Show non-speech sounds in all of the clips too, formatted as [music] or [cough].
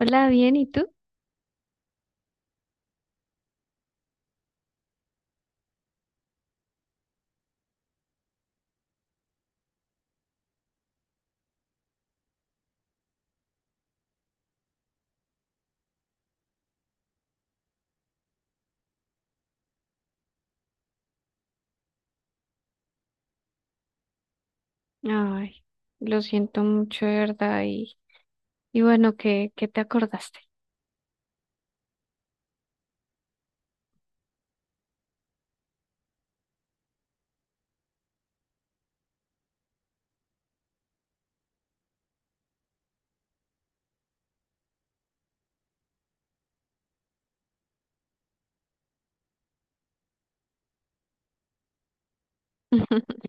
Hola, bien, ¿y tú? Ay, lo siento mucho, de verdad. Y bueno, ¿qué te acordaste? [laughs]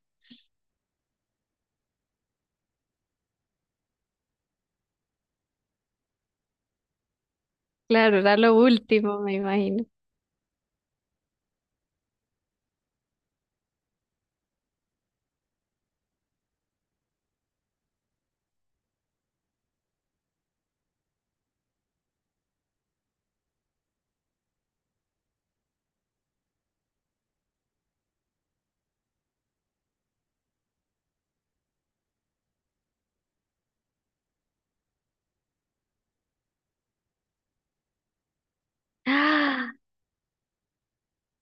Claro, era lo último, me imagino. ¡Ah!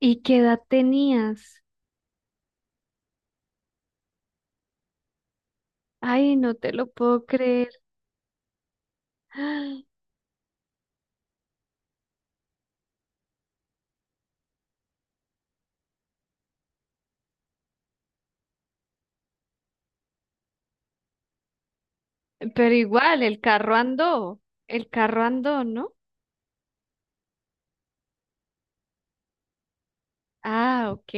¿Y qué edad tenías? Ay, no te lo puedo creer. [gasps] ¡Ah! Pero igual, el carro andó. El carro andó, ¿no? Ah, ok.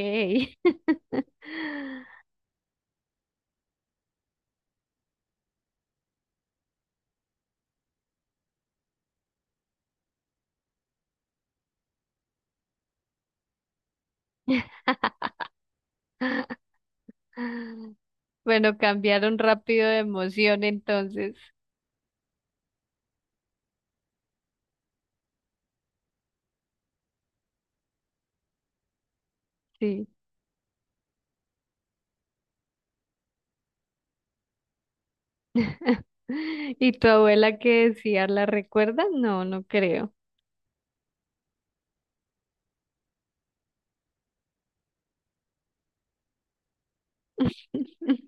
[laughs] Bueno, cambiaron rápido de emoción entonces. Sí. [laughs] ¿Y tu abuela qué decía? ¿La recuerdas? No, no creo. [laughs]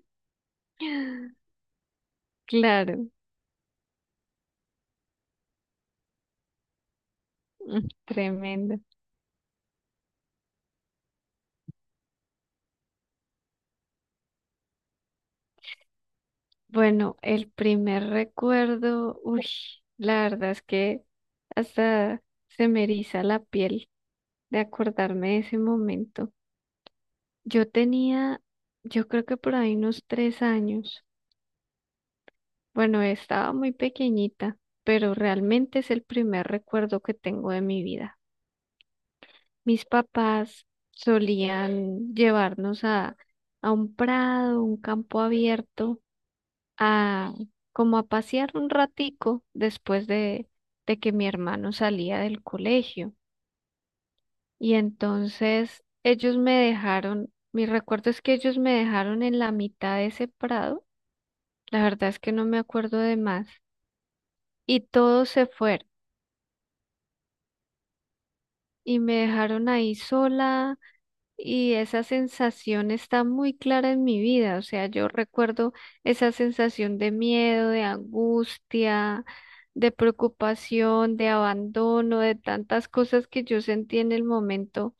Claro, tremendo. Bueno, el primer recuerdo, uy, la verdad es que hasta se me eriza la piel de acordarme de ese momento. Yo tenía, yo creo que por ahí unos 3 años. Bueno, estaba muy pequeñita, pero realmente es el primer recuerdo que tengo de mi vida. Mis papás solían llevarnos a un prado, un campo abierto, a como a pasear un ratico después de que mi hermano salía del colegio. Y entonces ellos me dejaron, mi recuerdo es que ellos me dejaron en la mitad de ese prado, la verdad es que no me acuerdo de más, y todos se fueron y me dejaron ahí sola. Y esa sensación está muy clara en mi vida, o sea, yo recuerdo esa sensación de miedo, de angustia, de preocupación, de abandono, de tantas cosas que yo sentí en el momento,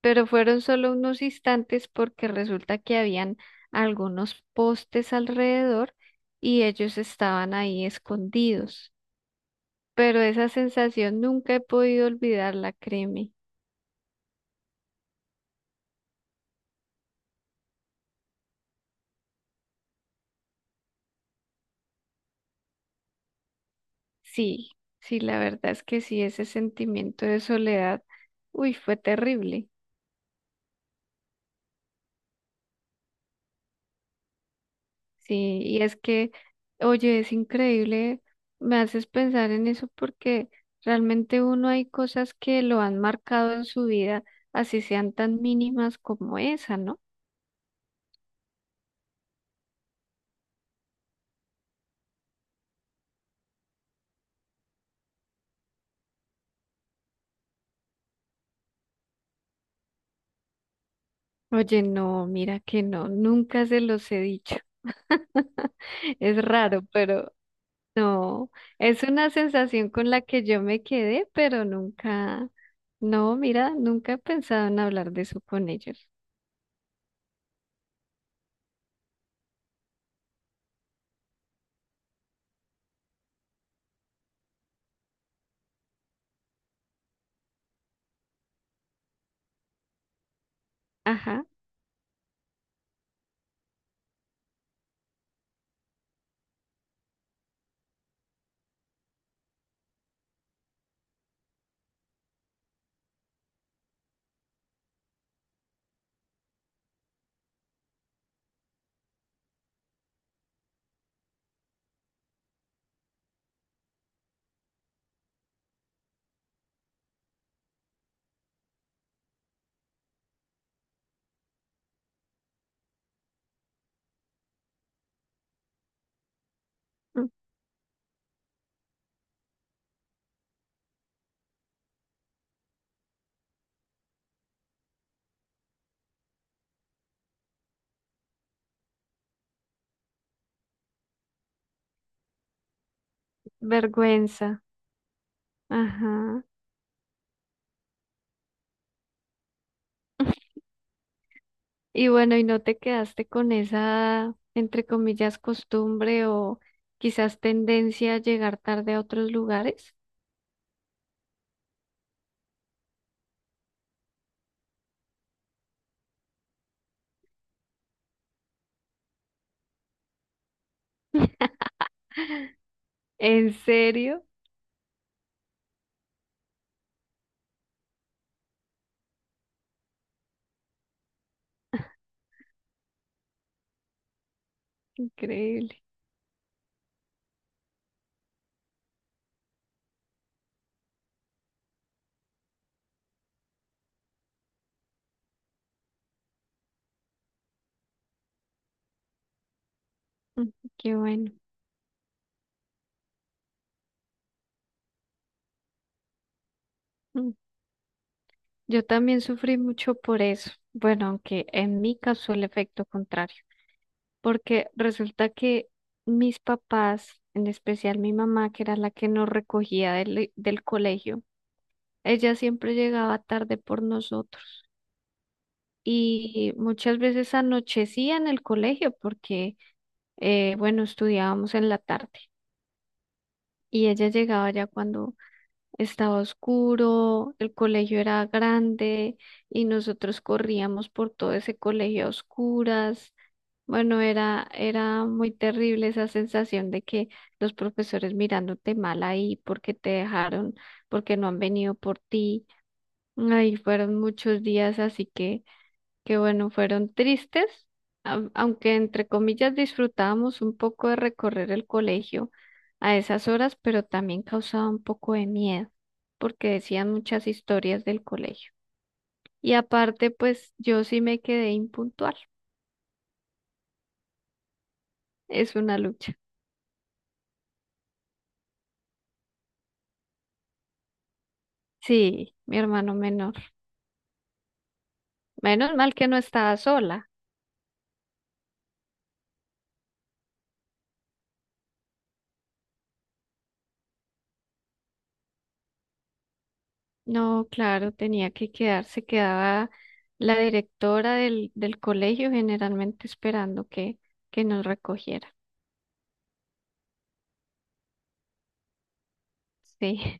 pero fueron solo unos instantes porque resulta que habían algunos postes alrededor y ellos estaban ahí escondidos, pero esa sensación nunca he podido olvidarla, créeme. Sí, sí, la verdad es que sí, ese sentimiento de soledad, uy, fue terrible. Sí, y es que, oye, es increíble, me haces pensar en eso porque realmente uno hay cosas que lo han marcado en su vida, así sean tan mínimas como esa, ¿no? Oye, no, mira que no, nunca se los he dicho. [laughs] Es raro, pero no, es una sensación con la que yo me quedé, pero nunca, no, mira, nunca he pensado en hablar de eso con ellos. Ajá, mm, vergüenza, ajá. [laughs] Y bueno, ¿y no te quedaste con esa, entre comillas, costumbre o quizás tendencia a llegar tarde a otros lugares? [laughs] ¿En serio? Increíble. Mm. Qué bueno. Mm. Yo también sufrí mucho por eso. Bueno, aunque en mi caso el efecto contrario, porque resulta que mis papás, en especial mi mamá, que era la que nos recogía del colegio, ella siempre llegaba tarde por nosotros y muchas veces anochecía en el colegio porque, bueno, estudiábamos en la tarde y ella llegaba ya cuando estaba oscuro, el colegio era grande y nosotros corríamos por todo ese colegio a oscuras. Bueno, era muy terrible esa sensación de que los profesores mirándote mal ahí porque te dejaron, porque no han venido por ti. Ahí fueron muchos días, así que bueno, fueron tristes, aunque entre comillas disfrutábamos un poco de recorrer el colegio a esas horas, pero también causaba un poco de miedo, porque decían muchas historias del colegio. Y aparte, pues yo sí me quedé impuntual, es una lucha. Sí, mi hermano menor. Menos mal que no estaba sola. No, claro, tenía que quedarse, quedaba la directora del colegio generalmente esperando que, nos recogiera. Sí.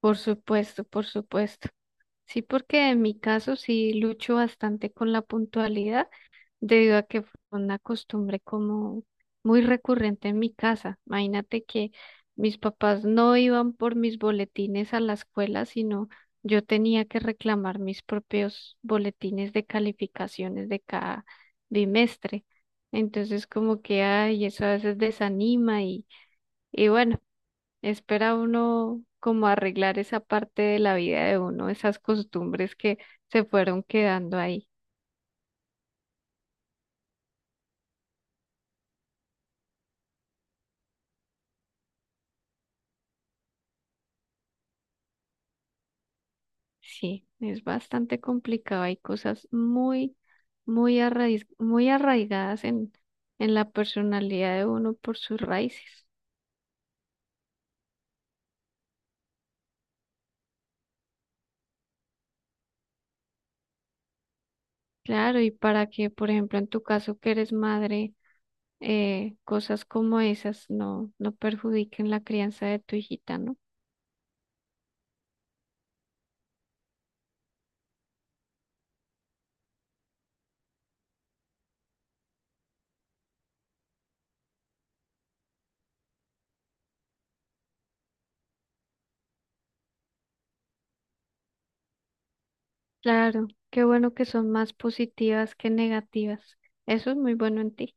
Por supuesto, por supuesto. Sí, porque en mi caso sí lucho bastante con la puntualidad debido a que fue una costumbre como muy recurrente en mi casa. Imagínate que mis papás no iban por mis boletines a la escuela, sino yo tenía que reclamar mis propios boletines de calificaciones de cada bimestre. Entonces como que, ay, eso a veces desanima y bueno. Espera uno como arreglar esa parte de la vida de uno, esas costumbres que se fueron quedando ahí. Sí, es bastante complicado. Hay cosas muy, muy muy arraigadas en la personalidad de uno por sus raíces. Claro, y para que, por ejemplo, en tu caso que eres madre, cosas como esas no, no perjudiquen la crianza de tu hijita, ¿no? Claro, qué bueno que son más positivas que negativas. Eso es muy bueno en ti.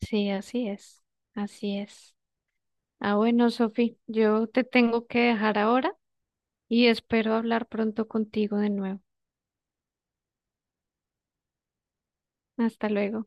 Sí, así es, así es. Ah, bueno, Sofi, yo te tengo que dejar ahora y espero hablar pronto contigo de nuevo. Hasta luego.